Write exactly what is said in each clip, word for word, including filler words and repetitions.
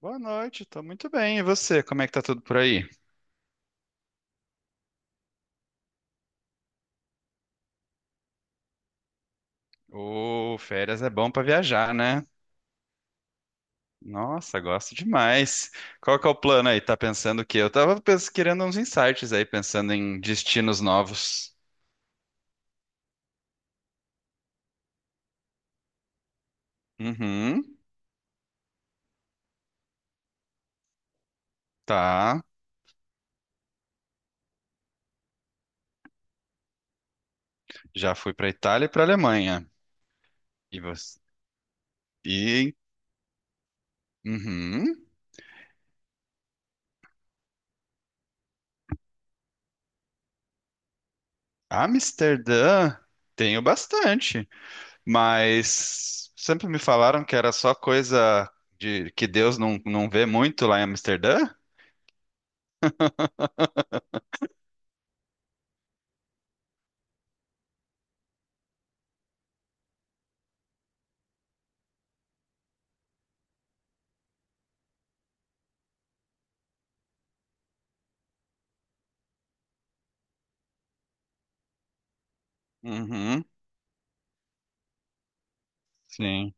Boa noite, tô muito bem. E você, como é que tá tudo por aí? Ô, férias é bom pra viajar, né? Nossa, gosto demais. Qual que é o plano aí? Tá pensando o quê? Eu tava pens- querendo uns insights aí, pensando em destinos novos. Uhum, tá. Já fui pra Itália e pra Alemanha. E você? E, uhum. Amsterdã, tenho bastante, mas sempre me falaram que era só coisa de que Deus não, não vê muito lá em Amsterdã. Uhum, sim.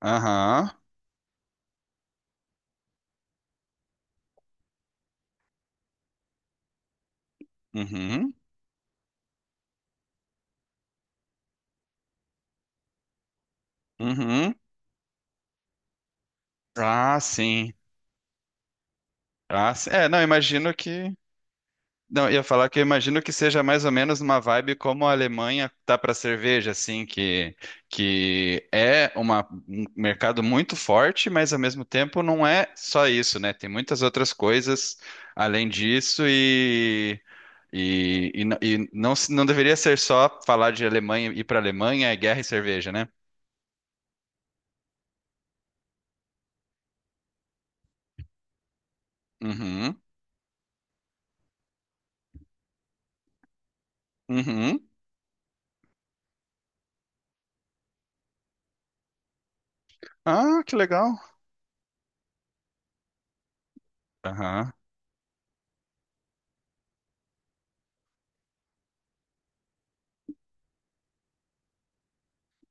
Aham. Uhum, uhum. Ah, sim. Ah, sim. É, não, imagino que. Não, eu ia falar que eu imagino que seja mais ou menos uma vibe como a Alemanha tá para cerveja, assim, que, que é uma- um mercado muito forte, mas ao mesmo tempo não é só isso, né? Tem muitas outras coisas além disso e. E, e não, e não se- não deveria ser só falar de Alemanha, ir para Alemanha, é guerra e cerveja, né? Uhum, uhum. Ah, que legal. Aham.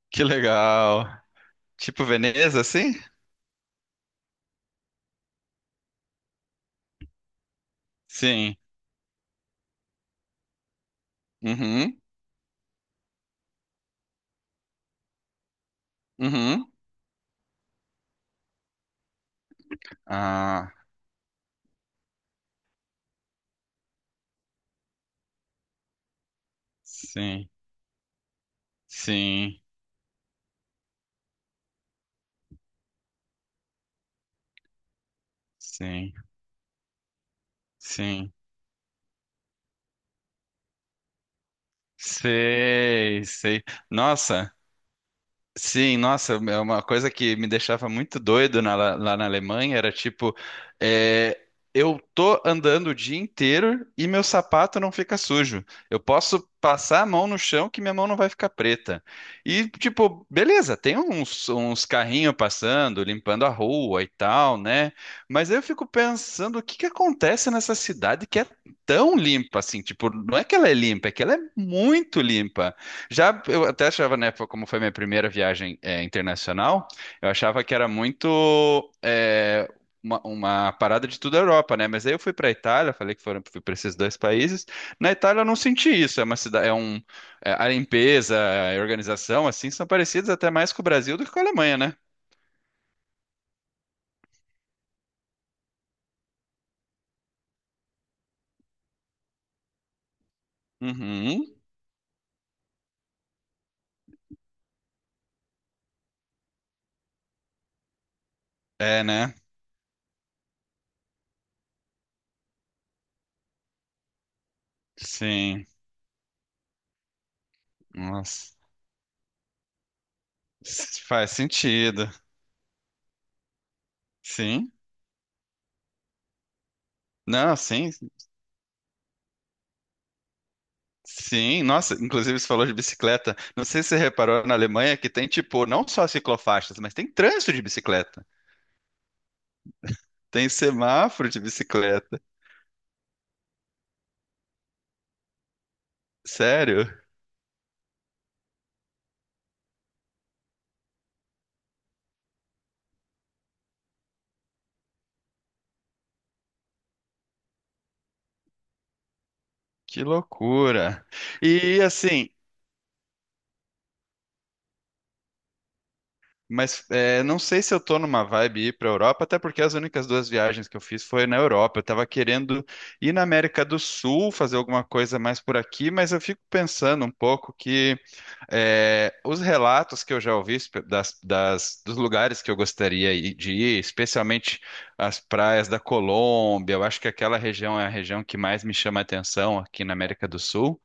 Que legal. Tipo Veneza, assim? Sim. Uhum. Uhum. Ah, sim. Sim. Sim. Sim. Sei, sei. Nossa, sim, nossa, é uma coisa que me deixava muito doido na- lá na Alemanha era tipo, é, eu tô andando o dia inteiro e meu sapato não fica sujo. Eu posso passar a mão no chão que minha mão não vai ficar preta. E tipo, beleza, tem uns, uns carrinhos passando, limpando a rua e tal, né? Mas eu fico pensando o que que acontece nessa cidade que é tão limpa assim, tipo, não é que ela é limpa, é que ela é muito limpa. Já eu até achava, né, foi- como foi minha primeira viagem é, internacional, eu achava que era muito é, uma, uma parada de toda a Europa, né? Mas aí eu fui para a Itália, falei que foram fui para esses dois países. Na Itália eu não senti isso. É uma cidade, é um é, a limpeza, a organização, assim, são parecidas até mais com o Brasil do que com a Alemanha, né? Uhum. É, né? Sim. Nossa. S- Faz sentido. Sim. Não, sim. Sim, nossa, inclusive você falou de bicicleta. Não sei se você reparou na Alemanha que tem, tipo, não só ciclofaixas, mas tem trânsito de bicicleta. Tem semáforo de bicicleta. Sério? Que loucura. E assim, mas é, não sei se eu tô numa vibe ir pra Europa, até porque as únicas duas viagens que eu fiz foi na Europa. Eu tava querendo ir na América do Sul, fazer alguma coisa mais por aqui, mas eu fico pensando um pouco que. É, os relatos que eu já ouvi espe- das, das- dos lugares que eu gostaria i- de ir, especialmente as praias da Colômbia, eu acho que aquela região é a região que mais me chama a atenção aqui na América do Sul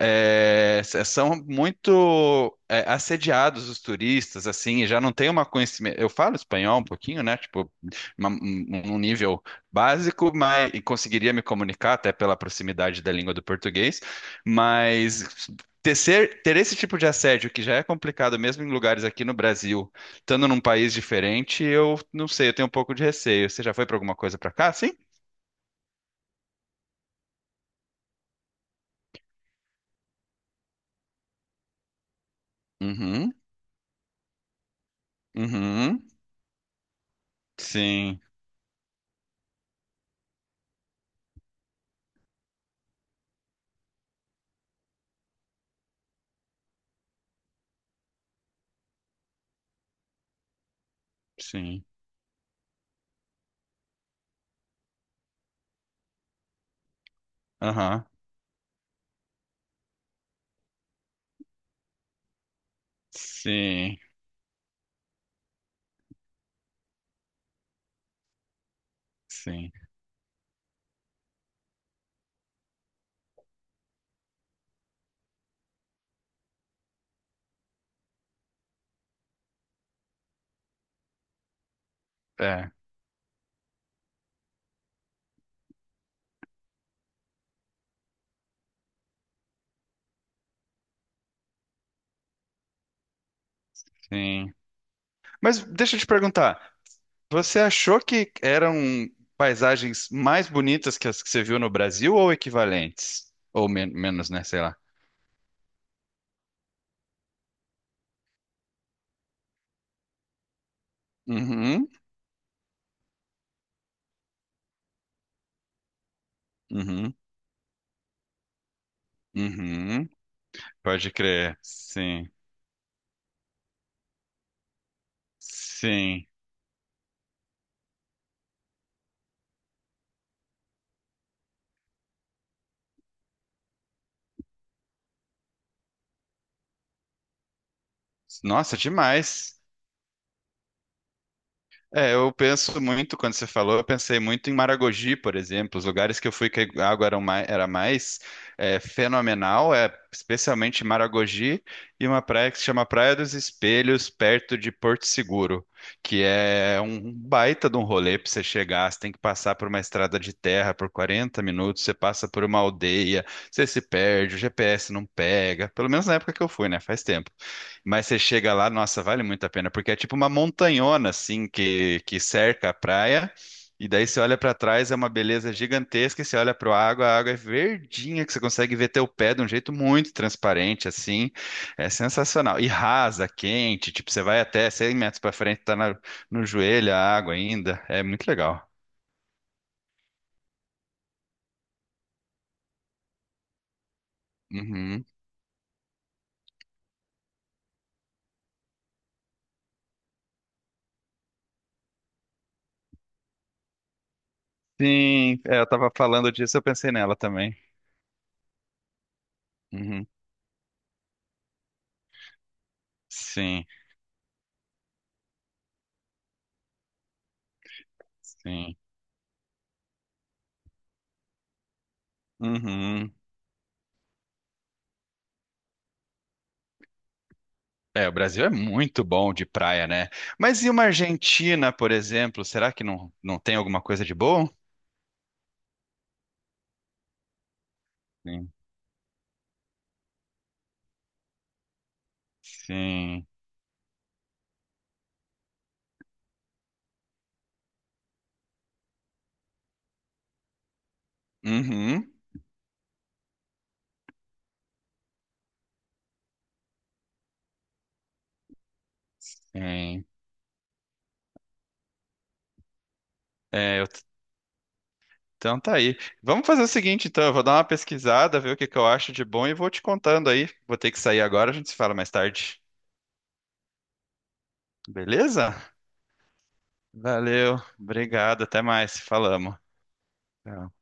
é, s- são muito é, assediados os turistas, assim, e já não tem uma conhecimento. Eu falo espanhol um pouquinho, né? Tipo, uma- um, um um nível básico, mas e conseguiria me comunicar até pela proximidade da língua do português, mas tecer- ter esse tipo de assédio que já é complicado mesmo em lugares aqui no Brasil, estando num país diferente, eu não sei, eu tenho um pouco de receio. Você já foi para alguma coisa para cá, sim? Uhum, uhum, sim, sim. Aham. Sim, sim. É, sim. Mas deixa eu te perguntar, você achou que eram paisagens mais bonitas que as que você viu no Brasil ou equivalentes? Ou men- menos, né? Sei lá. Uhum, uhum, uhum. Pode crer. Sim, sim. Nossa, demais. É, eu penso muito, quando você falou, eu pensei muito em Maragogi, por exemplo, os lugares que eu fui que a água era mais, era mais é, fenomenal, é especialmente Maragogi e uma praia que se chama Praia dos Espelhos, perto de Porto Seguro, que é um baita de um rolê para você chegar, você tem que passar por uma estrada de terra por quarenta minutos, você passa por uma aldeia, você se perde, o G P S não pega, pelo menos na época que eu fui, né? Faz tempo. Mas você chega lá, nossa, vale muito a pena, porque é tipo uma montanhona assim que, que cerca a praia, e daí você olha pra trás, é uma beleza gigantesca, e você olha para a água, a água é verdinha, que você consegue ver teu pé de um jeito muito transparente, assim, é sensacional. E rasa, quente, tipo, você vai até cem metros pra frente, tá na- no joelho a água ainda, é muito legal. Uhum. Sim, é, eu tava falando disso, eu pensei nela também. Uhum. Sim, sim. Uhum. É, o Brasil é muito bom de praia, né? Mas e uma Argentina, por exemplo? Será que não, não tem alguma coisa de bom? Sim. Sim. Uhum. Sim. É, eu- então tá aí. Vamos fazer o seguinte, então. Eu vou dar uma pesquisada, ver o que que eu acho de bom e vou te contando aí. Vou ter que sair agora, a gente se fala mais tarde. Beleza? Valeu. Obrigado. Até mais. Falamos. Tchau.